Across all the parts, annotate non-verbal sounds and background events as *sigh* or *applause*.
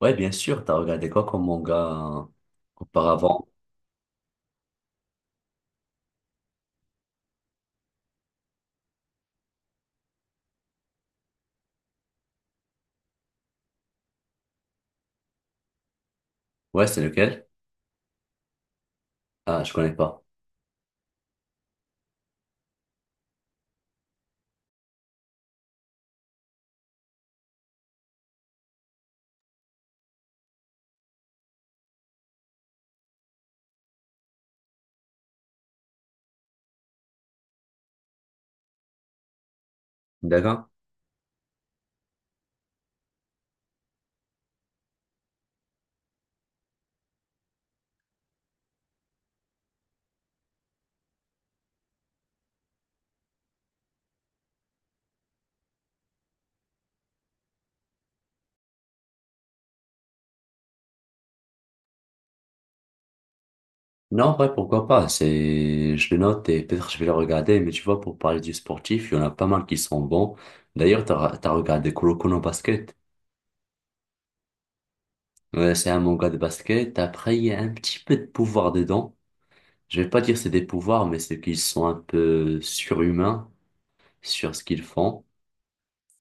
Ouais, bien sûr, t'as regardé quoi comme manga auparavant? Ouais, c'est lequel? Ah, je connais pas. D'accord. Non, ouais, pourquoi pas? Je le note et peut-être je vais le regarder, mais tu vois, pour parler du sportif, il y en a pas mal qui sont bons. D'ailleurs, t'as regardé Kuroko no Basket. Ouais, c'est un manga de basket. Après, il y a un petit peu de pouvoir dedans. Je vais pas dire c'est des pouvoirs, mais c'est qu'ils sont un peu surhumains sur ce qu'ils font.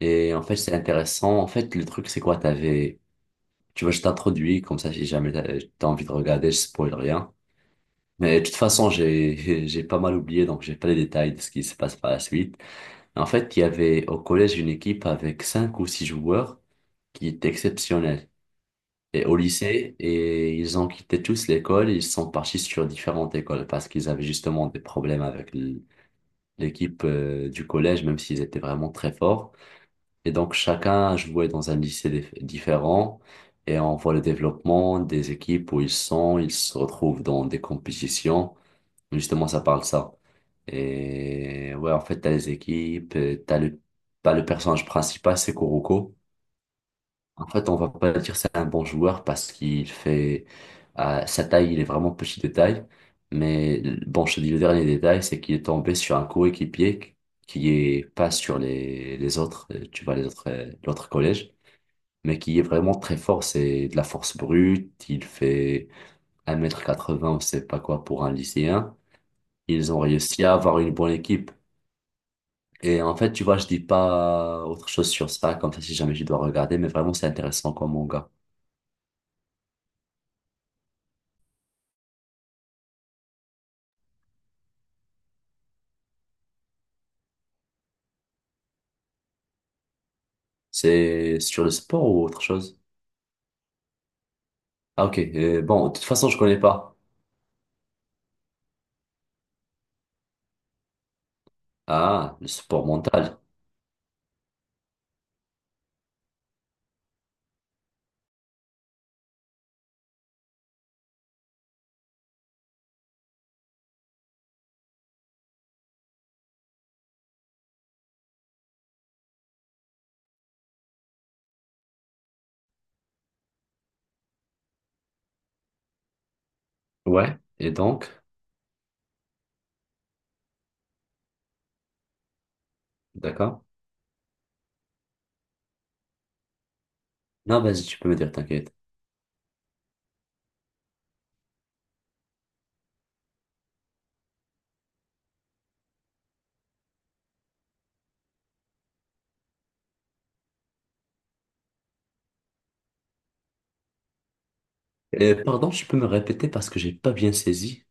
Et en fait, c'est intéressant. En fait, le truc, c'est quoi? T'avais Tu vois, je t'introduis, comme ça, si jamais t'as envie de regarder, je spoil rien. Mais de toute façon, j'ai, *laughs* j'ai pas mal oublié, donc j'ai pas les détails de ce qui se passe par la suite. En fait, il y avait au collège une équipe avec cinq ou six joueurs qui étaient exceptionnelle. Et au lycée, et ils ont quitté tous l'école, ils sont partis sur différentes écoles parce qu'ils avaient justement des problèmes avec l'équipe du collège, même s'ils étaient vraiment très forts. Et donc chacun jouait dans un lycée différent et on voit le développement des équipes où ils sont, ils se retrouvent dans des compétitions. Justement, ça parle ça. Et ouais, en fait, t'as les équipes, t'as le, pas le personnage principal, c'est Kuroko. En fait, on va pas dire c'est un bon joueur parce qu'il fait sa taille, il est vraiment petit de taille. Mais bon, je te dis le dernier détail, c'est qu'il est tombé sur un coéquipier qui est pas sur les autres, tu vois, les autres, l'autre collège, mais qui est vraiment très fort. C'est de la force brute. Il fait un mètre quatre 80, on sait pas quoi pour un lycéen. Ils ont réussi à avoir une bonne équipe. Et en fait, tu vois, je dis pas autre chose sur ça, comme ça, si jamais tu dois regarder, mais vraiment, c'est intéressant comme manga. C'est sur le sport ou autre chose? Ah, ok. Bon, de toute façon, je connais pas. Ah, le sport mental. Ouais. Et donc, d'accord. Non, vas-y, tu peux me dire, t'inquiète. Pardon, tu peux me répéter parce que j'ai pas bien saisi.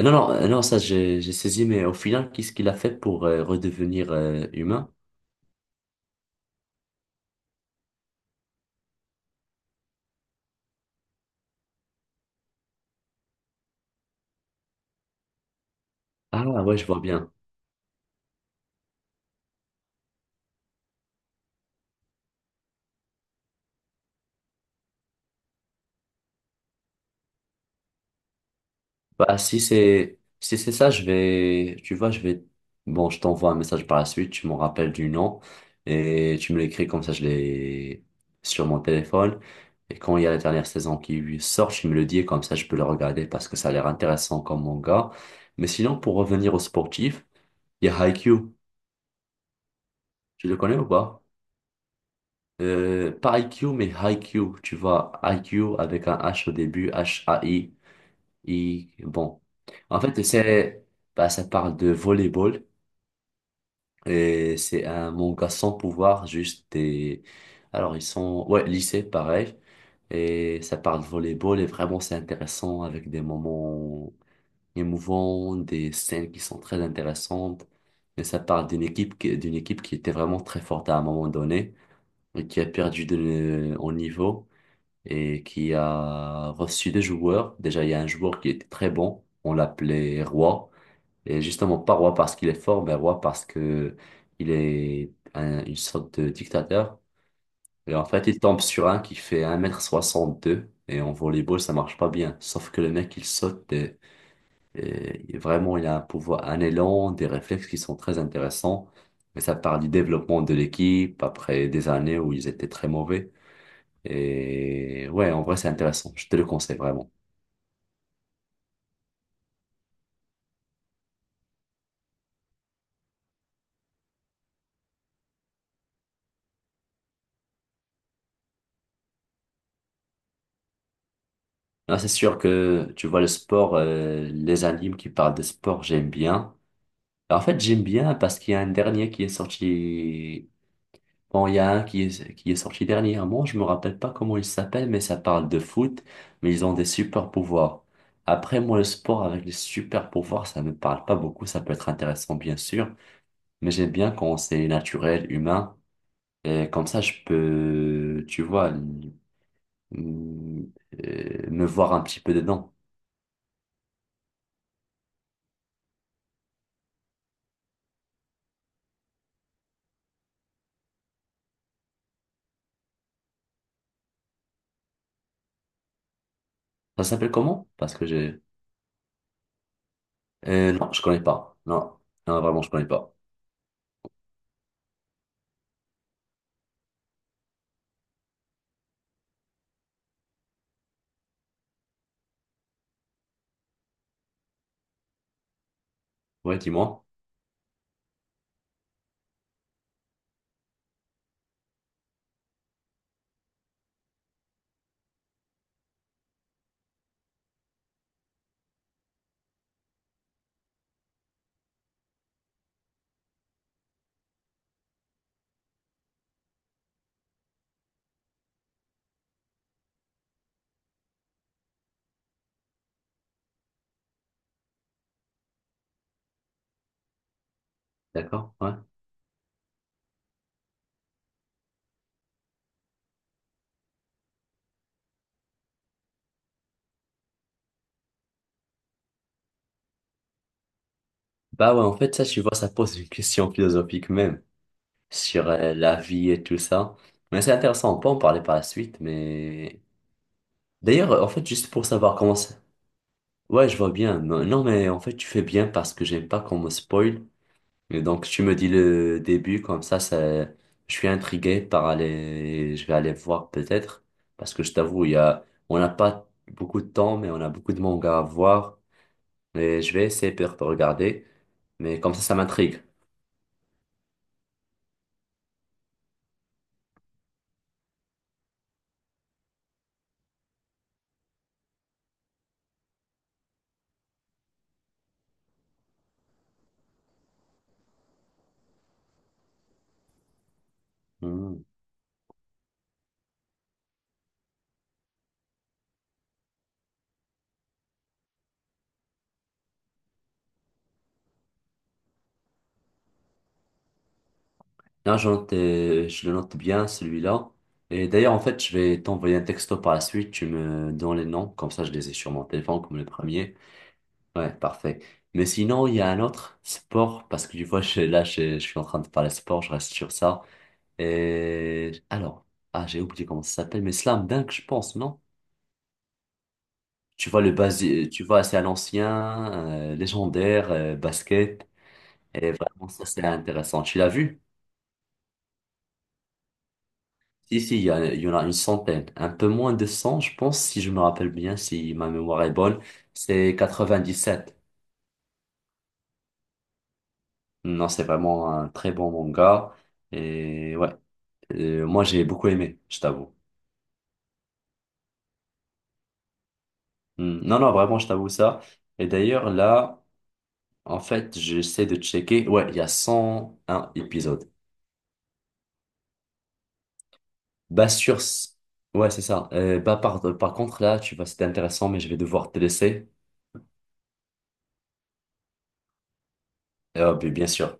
Non, non, non, ça, j'ai saisi, mais au final, qu'est-ce qu'il a fait pour redevenir humain? Ah, ouais, je vois bien. Bah, si c'est ça, je vais, tu vois, je vais, bon, je t'envoie un message par la suite, tu m'en rappelles du nom et tu me l'écris comme ça, je l'ai sur mon téléphone. Et quand il y a la dernière saison qui sort, tu me le dis et comme ça, je peux le regarder parce que ça a l'air intéressant comme manga. Mais sinon, pour revenir au sportif, il y a Haikyuu. Tu le connais ou pas? Pas Haikyuu, mais Haikyuu. Tu vois, Haikyuu avec un H au début, H-A-I. Et bon, en fait, c'est, bah, ça parle de volleyball et c'est un manga sans pouvoir, juste des. Alors, ils sont, ouais, lycée, pareil. Et ça parle de volleyball et vraiment, c'est intéressant avec des moments émouvants, des scènes qui sont très intéressantes. Et ça parle d'une équipe qui était vraiment très forte à un moment donné et qui a perdu de, en niveau et qui a reçu des joueurs. Déjà, il y a un joueur qui était très bon, on l'appelait Roi, et justement pas Roi parce qu'il est fort, mais Roi parce que il est une sorte de dictateur. Et en fait, il tombe sur un qui fait 1,62 m, et en volleyball, ça marche pas bien. Sauf que le mec, il saute, et vraiment, il a un pouvoir, un élan, des réflexes qui sont très intéressants. Mais ça part du développement de l'équipe après des années où ils étaient très mauvais. Et ouais, en vrai, c'est intéressant. Je te le conseille vraiment. Là, c'est sûr que tu vois le sport, les animes qui parlent de sport, j'aime bien. En fait, j'aime bien parce qu'il y a un dernier qui est sorti. Bon, il y a un qui est sorti dernièrement. Je me rappelle pas comment il s'appelle, mais ça parle de foot. Mais ils ont des super pouvoirs. Après, moi, le sport avec les super pouvoirs, ça me parle pas beaucoup. Ça peut être intéressant, bien sûr. Mais j'aime bien quand c'est naturel, humain. Et comme ça, je peux, tu vois. hum, Me voir un petit peu dedans. Ça s'appelle comment? Parce que j'ai... Non, je connais pas. Non, non, vraiment, je connais pas. Ouais, dis-moi. D'accord, ouais. Bah ouais, en fait, ça, tu vois, ça pose une question philosophique même sur la vie et tout ça. Mais c'est intéressant, on peut en parler par la suite, mais... D'ailleurs, en fait, juste pour savoir comment ça... Ouais, je vois bien. Non, mais en fait, tu fais bien parce que j'aime pas qu'on me spoil et donc, tu me dis le début, comme ça, je suis intrigué par aller, je vais aller voir peut-être, parce que je t'avoue, on n'a pas beaucoup de temps, mais on a beaucoup de mangas à voir, et je vais essayer peut-être de regarder, mais comme ça m'intrigue. Hmm. Là, je note, je le note bien, celui-là. Et d'ailleurs, en fait, je vais t'envoyer un texto par la suite, tu me donnes les noms, comme ça, je les ai sur mon téléphone, comme le premier. Ouais, parfait. Mais sinon, il y a un autre sport, parce que tu vois, là, je suis en train de parler sport, je reste sur ça. Et alors, ah, j'ai oublié comment ça s'appelle, mais Slam Dunk, je pense, non? Tu vois, le tu vois, c'est un ancien, légendaire, basket. Et vraiment, ça, c'est intéressant. Tu l'as vu? Si, si, il y en a une centaine. Un peu moins de 100 je pense, si je me rappelle bien, si ma mémoire est bonne. C'est 97. Non, c'est vraiment un très bon manga. Et ouais. Moi, j'ai beaucoup aimé, je t'avoue. Hmm. Non, non, vraiment, je t'avoue ça. Et d'ailleurs, là, en fait, j'essaie de checker. Ouais, il y a 101 épisodes. Bah, sur... Ouais, c'est ça. Bah, par contre, là, tu vois, c'était intéressant, mais je vais devoir te laisser. Bien sûr.